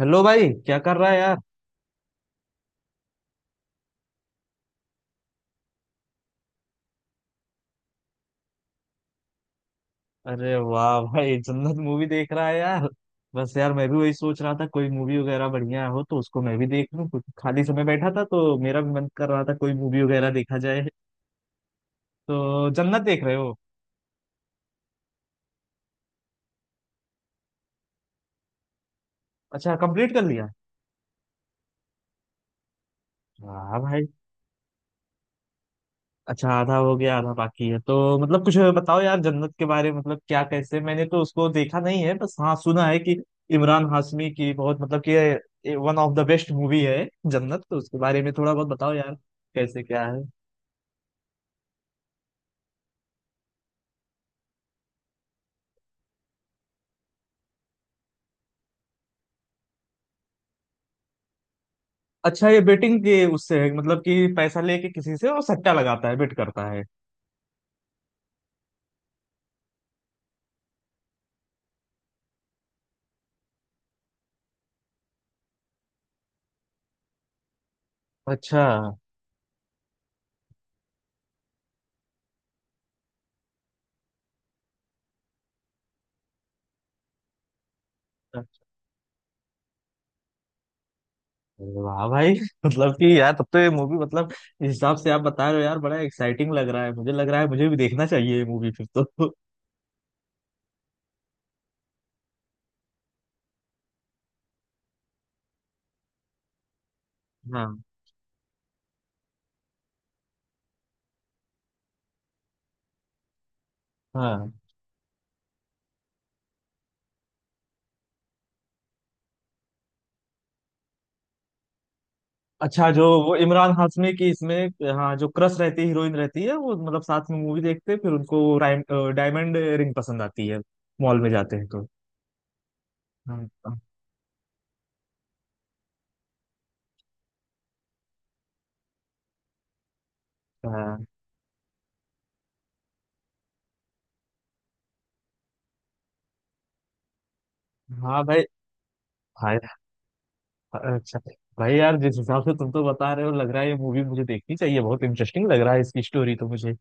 Hello भाई, क्या कर रहा है यार। अरे वाह भाई, जन्नत मूवी देख रहा है यार। बस यार, मैं भी वही सोच रहा था कोई मूवी वगैरह बढ़िया हो तो उसको मैं भी देख लूं। कुछ खाली समय बैठा था तो मेरा भी मन कर रहा था कोई मूवी वगैरह देखा जाए। तो जन्नत देख रहे हो। अच्छा कंप्लीट कर लिया। वाह भाई। अच्छा, आधा हो गया आधा बाकी है। तो मतलब कुछ बताओ यार जन्नत के बारे में, मतलब क्या कैसे। मैंने तो उसको देखा नहीं है, बस हाँ सुना है कि इमरान हाशमी की बहुत मतलब कि one of the best movie है जन्नत। तो उसके बारे में थोड़ा बहुत बताओ यार। कैसे क्या है। अच्छा, ये बेटिंग के उससे है मतलब कि पैसा लेके किसी से और सट्टा लगाता है, बेट करता है। अच्छा। अरे वाह भाई मतलब कि यार तब तो ये मूवी मतलब इस हिसाब से आप बता रहे हो यार बड़ा एक्साइटिंग लग रहा है। मुझे लग रहा है मुझे भी देखना चाहिए ये मूवी फिर तो। हाँ, हाँ। अच्छा, जो वो इमरान हाशमी की इसमें हाँ जो क्रश रहती है, हीरोइन रहती है, वो मतलब साथ में मूवी देखते हैं, फिर उनको डायमंड रिंग पसंद आती है, मॉल में जाते हैं तो। हाँ। हाँ। हाँ भाई। भाई। अच्छा। भाई यार जिस हिसाब से तुम तो बता रहे हो, लग रहा है ये मूवी मुझे देखनी चाहिए। बहुत इंटरेस्टिंग लग रहा है इसकी स्टोरी तो मुझे।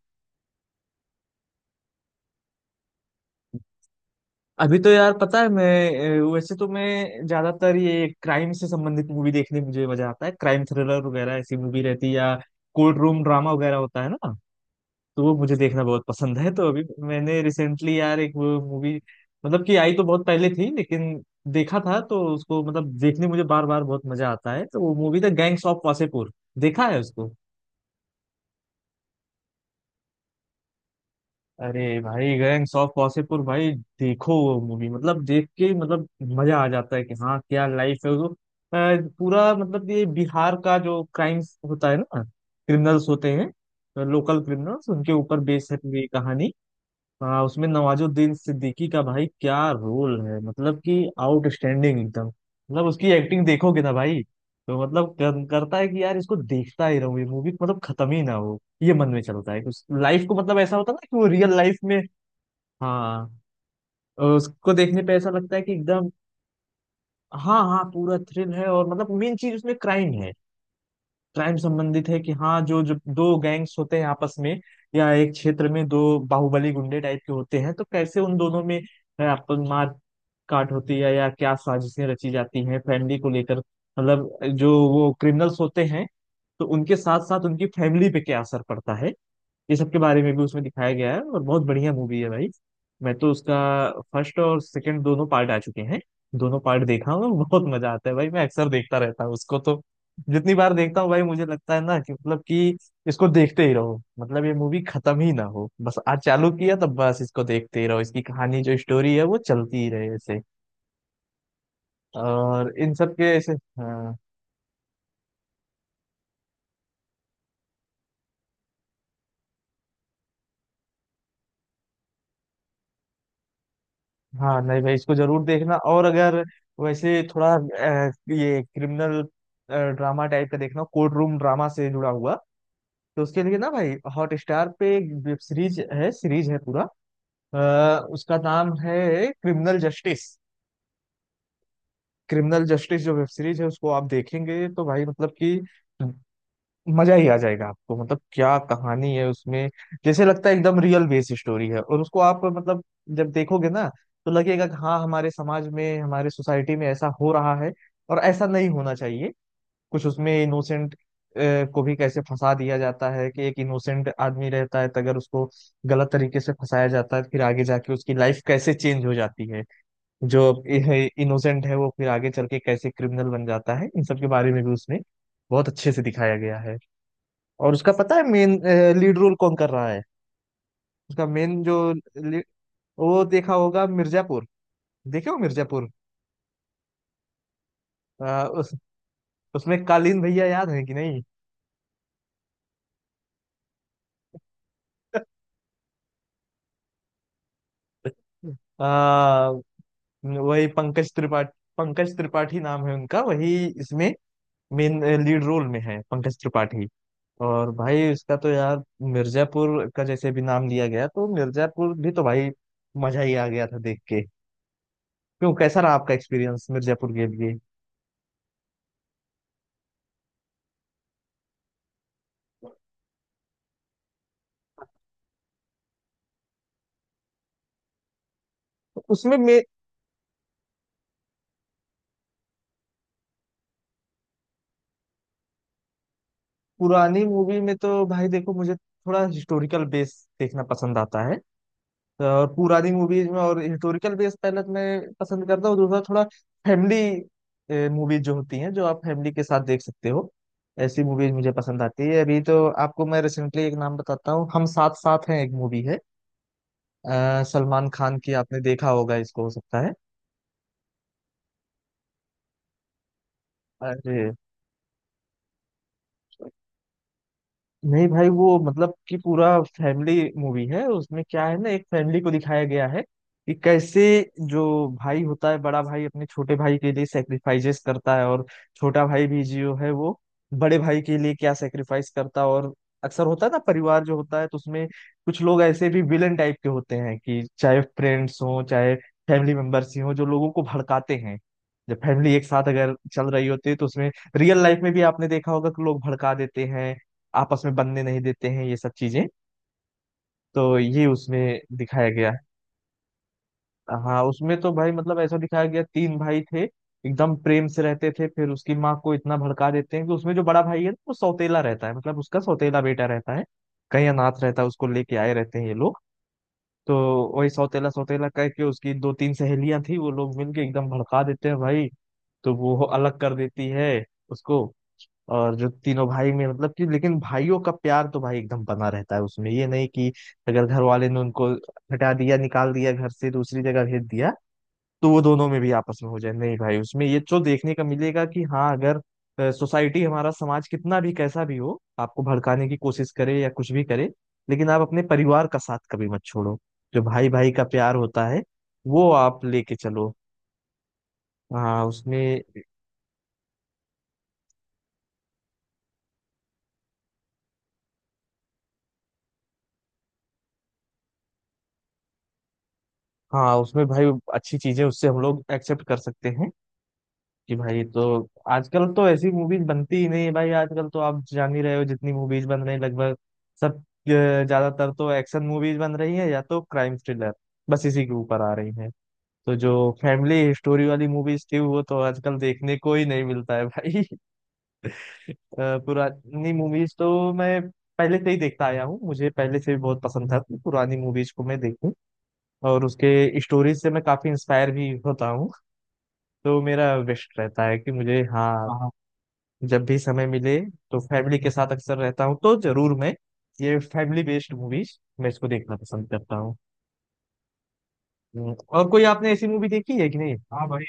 अभी तो यार पता है मैं, वैसे तो मैं ज्यादातर ये क्राइम से संबंधित मूवी देखने में मुझे मजा आता है। क्राइम थ्रिलर वगैरह ऐसी मूवी रहती है या कोर्ट रूम ड्रामा वगैरह होता है ना, तो वो मुझे देखना बहुत पसंद है। तो अभी मैंने रिसेंटली यार एक वो मूवी, मतलब कि आई तो बहुत पहले थी, लेकिन देखा था तो उसको मतलब देखने मुझे बार बार बहुत मजा आता है। तो वो मूवी था गैंग्स ऑफ वासेपुर। देखा है उसको। अरे भाई गैंग्स ऑफ वासेपुर भाई, देखो वो मूवी मतलब देख के मतलब मजा आ जाता है कि हाँ क्या लाइफ है वो। पूरा मतलब ये बिहार का जो क्राइम्स होता है ना, क्रिमिनल्स होते हैं, लोकल क्रिमिनल्स, उनके ऊपर बेस्ड है पूरी कहानी। हाँ उसमें नवाजुद्दीन सिद्दीकी का भाई क्या रोल है, मतलब कि आउटस्टैंडिंग एकदम। मतलब उसकी एक्टिंग देखोगे ना भाई, तो मतलब करता है कि यार इसको देखता ही रहूं, ये मूवी मतलब खत्म ही ना हो, ये मन में चलता है। उस लाइफ को मतलब ऐसा होता है ना कि वो रियल लाइफ में। हाँ। और उसको देखने पे ऐसा लगता है कि एकदम। हाँ हाँ पूरा थ्रिल है, और मतलब मेन चीज उसमें क्राइम है। क्राइम संबंधित है कि हाँ जो जो दो गैंग्स होते हैं आपस में, या एक क्षेत्र में दो बाहुबली गुंडे टाइप के होते हैं, तो कैसे उन दोनों में आप मार काट होती है, या क्या साजिशें रची जाती हैं फैमिली को लेकर। मतलब जो वो क्रिमिनल्स होते हैं तो उनके साथ साथ उनकी फैमिली पे क्या असर पड़ता है, ये सब के बारे में भी उसमें दिखाया गया है। और बहुत बढ़िया मूवी है भाई। मैं तो उसका फर्स्ट और सेकंड दोनों पार्ट आ चुके हैं, दोनों पार्ट देखा हूँ। बहुत मजा आता है भाई, मैं अक्सर देखता रहता हूँ उसको तो। जितनी बार देखता हूँ भाई, मुझे लगता है ना कि मतलब कि इसको देखते ही रहो, मतलब ये मूवी खत्म ही ना हो, बस आज चालू किया तब बस इसको देखते ही रहो, इसकी कहानी जो स्टोरी है वो चलती ही रहे ऐसे। और इन सब के ऐसे हाँ। हाँ नहीं भाई, इसको जरूर देखना। और अगर वैसे थोड़ा ये क्रिमिनल ड्रामा टाइप का देखना, कोर्ट रूम ड्रामा से जुड़ा हुआ, तो उसके लिए ना भाई हॉट स्टार पे एक वेब सीरीज है, सीरीज है पूरा। उसका नाम है क्रिमिनल जस्टिस। क्रिमिनल जस्टिस जो वेब सीरीज है उसको आप देखेंगे तो भाई मतलब कि मजा ही आ जाएगा आपको। मतलब क्या कहानी है उसमें, जैसे लगता है एकदम रियल बेस स्टोरी है। और उसको आप मतलब जब देखोगे ना, तो लगेगा कि हाँ हमारे समाज में, हमारे सोसाइटी में ऐसा हो रहा है और ऐसा नहीं होना चाहिए। कुछ उसमें इनोसेंट को भी कैसे फंसा दिया जाता है कि एक इनोसेंट आदमी रहता है, तो अगर उसको गलत तरीके से फंसाया जाता है, फिर आगे जाके उसकी लाइफ कैसे चेंज हो जाती है, जो इनोसेंट है वो फिर आगे चल के कैसे क्रिमिनल बन जाता है, इन सब के बारे में भी उसमें बहुत अच्छे से दिखाया गया है। और उसका पता है मेन लीड रोल कौन कर रहा है। उसका मेन जो वो देखा होगा मिर्जापुर, देखे हो मिर्जापुर। आ, उस उसमें कालीन भैया याद है कि नहीं। आ, वही पंकज त्रिपाठी, पंकज त्रिपाठी नाम है उनका। वही इसमें मेन लीड रोल में है पंकज त्रिपाठी। और भाई उसका तो यार मिर्जापुर का जैसे भी नाम लिया गया, तो मिर्जापुर भी तो भाई मजा ही आ गया था देख के। क्यों, कैसा रहा आपका एक्सपीरियंस मिर्जापुर के लिए। उसमें मे, पुरानी मूवी में तो भाई देखो मुझे थोड़ा हिस्टोरिकल बेस देखना पसंद आता है। तो और पुरानी मूवीज में और हिस्टोरिकल बेस पहले तो मैं पसंद करता हूँ, दूसरा थोड़ा फैमिली मूवीज जो होती हैं, जो आप फैमिली के साथ देख सकते हो, ऐसी मूवीज मुझे पसंद आती है। अभी तो आपको मैं रिसेंटली एक नाम बताता हूँ, हम साथ साथ हैं एक मूवी है, सलमान खान की। आपने देखा होगा इसको, हो सकता है। अरे नहीं भाई, वो मतलब कि पूरा फैमिली मूवी है। उसमें क्या है ना एक फैमिली को दिखाया गया है कि कैसे जो भाई होता है बड़ा भाई, अपने छोटे भाई के लिए सेक्रीफाइसेस करता है, और छोटा भाई भी जो है वो बड़े भाई के लिए क्या सेक्रीफाइस करता है। और अक्सर होता है ना, परिवार जो होता है तो उसमें कुछ लोग ऐसे भी विलन टाइप के होते हैं, कि चाहे फ्रेंड्स हों चाहे फैमिली मेंबर्स ही हों, जो लोगों को भड़काते हैं जब फैमिली एक साथ अगर चल रही होती है तो उसमें। रियल लाइफ में भी आपने देखा होगा कि लोग भड़का देते हैं, आपस में बनने नहीं देते हैं, ये सब चीजें तो ये उसमें दिखाया गया है। हाँ उसमें तो भाई मतलब ऐसा दिखाया गया तीन भाई थे एकदम प्रेम से रहते थे, फिर उसकी माँ को इतना भड़का देते हैं कि उसमें जो बड़ा भाई है वो सौतेला रहता है, मतलब उसका सौतेला बेटा रहता है, कहीं अनाथ रहता है उसको लेके आए रहते हैं ये लोग। तो वही सौतेला सौतेला कह के, उसकी दो तीन सहेलियां थी वो लोग मिलके एकदम भड़का देते हैं भाई, तो वो अलग कर देती है उसको। और जो तीनों भाई में मतलब कि लेकिन भाइयों का प्यार तो भाई एकदम बना रहता है। उसमें ये नहीं कि अगर घर वाले ने उनको हटा दिया, निकाल दिया घर से, दूसरी जगह भेज दिया, तो वो दोनों में भी आपस में हो जाए, नहीं भाई। उसमें ये जो देखने का मिलेगा कि हाँ अगर सोसाइटी, हमारा समाज कितना भी कैसा भी हो, आपको भड़काने की कोशिश करे या कुछ भी करे, लेकिन आप अपने परिवार का साथ कभी मत छोड़ो, जो भाई भाई का प्यार होता है वो आप लेके चलो। हाँ उसमें। हाँ उसमें भाई अच्छी चीजें उससे हम लोग एक्सेप्ट कर सकते हैं कि भाई तो आजकल तो ऐसी मूवीज बनती ही नहीं है भाई। आजकल तो आप जान ही रहे हो, जितनी मूवीज बन रही हैं लगभग सब ज्यादातर तो एक्शन मूवीज बन रही है या तो क्राइम थ्रिलर, बस इसी के ऊपर आ रही है। तो जो फैमिली स्टोरी वाली मूवीज थी, वो तो आजकल देखने को ही नहीं मिलता है भाई पुरानी मूवीज तो मैं पहले से ही देखता आया हूँ, मुझे पहले से भी बहुत पसंद था कि पुरानी मूवीज को मैं देखूं। और उसके स्टोरीज से मैं काफी इंस्पायर भी होता हूँ। तो मेरा विश रहता है कि मुझे हाँ जब भी समय मिले तो फैमिली के साथ अक्सर रहता हूँ तो जरूर मैं ये फैमिली बेस्ड मूवीज मैं इसको देखना पसंद करता हूँ। और कोई आपने ऐसी मूवी देखी है कि नहीं, हाँ भाई।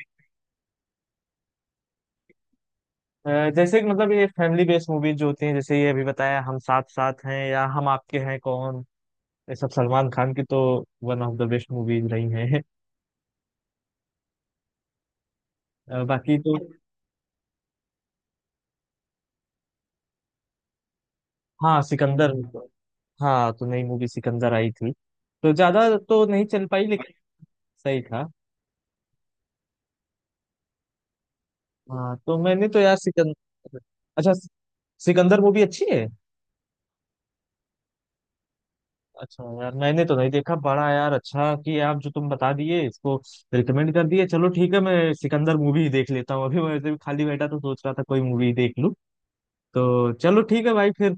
जैसे कि मतलब ये फैमिली बेस्ड मूवीज जो होती हैं, जैसे ये अभी बताया हम साथ साथ हैं, या हम आपके हैं कौन, ये सब सलमान खान की तो one of the best movies रही हैं। बाकी तो हाँ सिकंदर। हाँ तो नई मूवी सिकंदर आई थी, तो ज्यादा तो नहीं चल पाई लेकिन सही था। हाँ तो मैंने तो यार सिकंदर, अच्छा सिकंदर मूवी अच्छी है। अच्छा यार, मैंने तो नहीं देखा। बड़ा यार अच्छा कि आप जो तुम बता दिए इसको रिकमेंड कर दिए। चलो ठीक है, मैं सिकंदर मूवी ही देख लेता हूँ, अभी मैं ऐसे भी खाली बैठा तो सोच रहा था कोई मूवी देख लूँ। तो चलो ठीक है भाई फिर।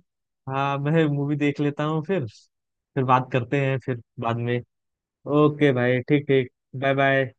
हाँ मैं मूवी देख लेता हूँ फिर बात करते हैं फिर बाद में। ओके भाई, ठीक ठीक। Bye bye.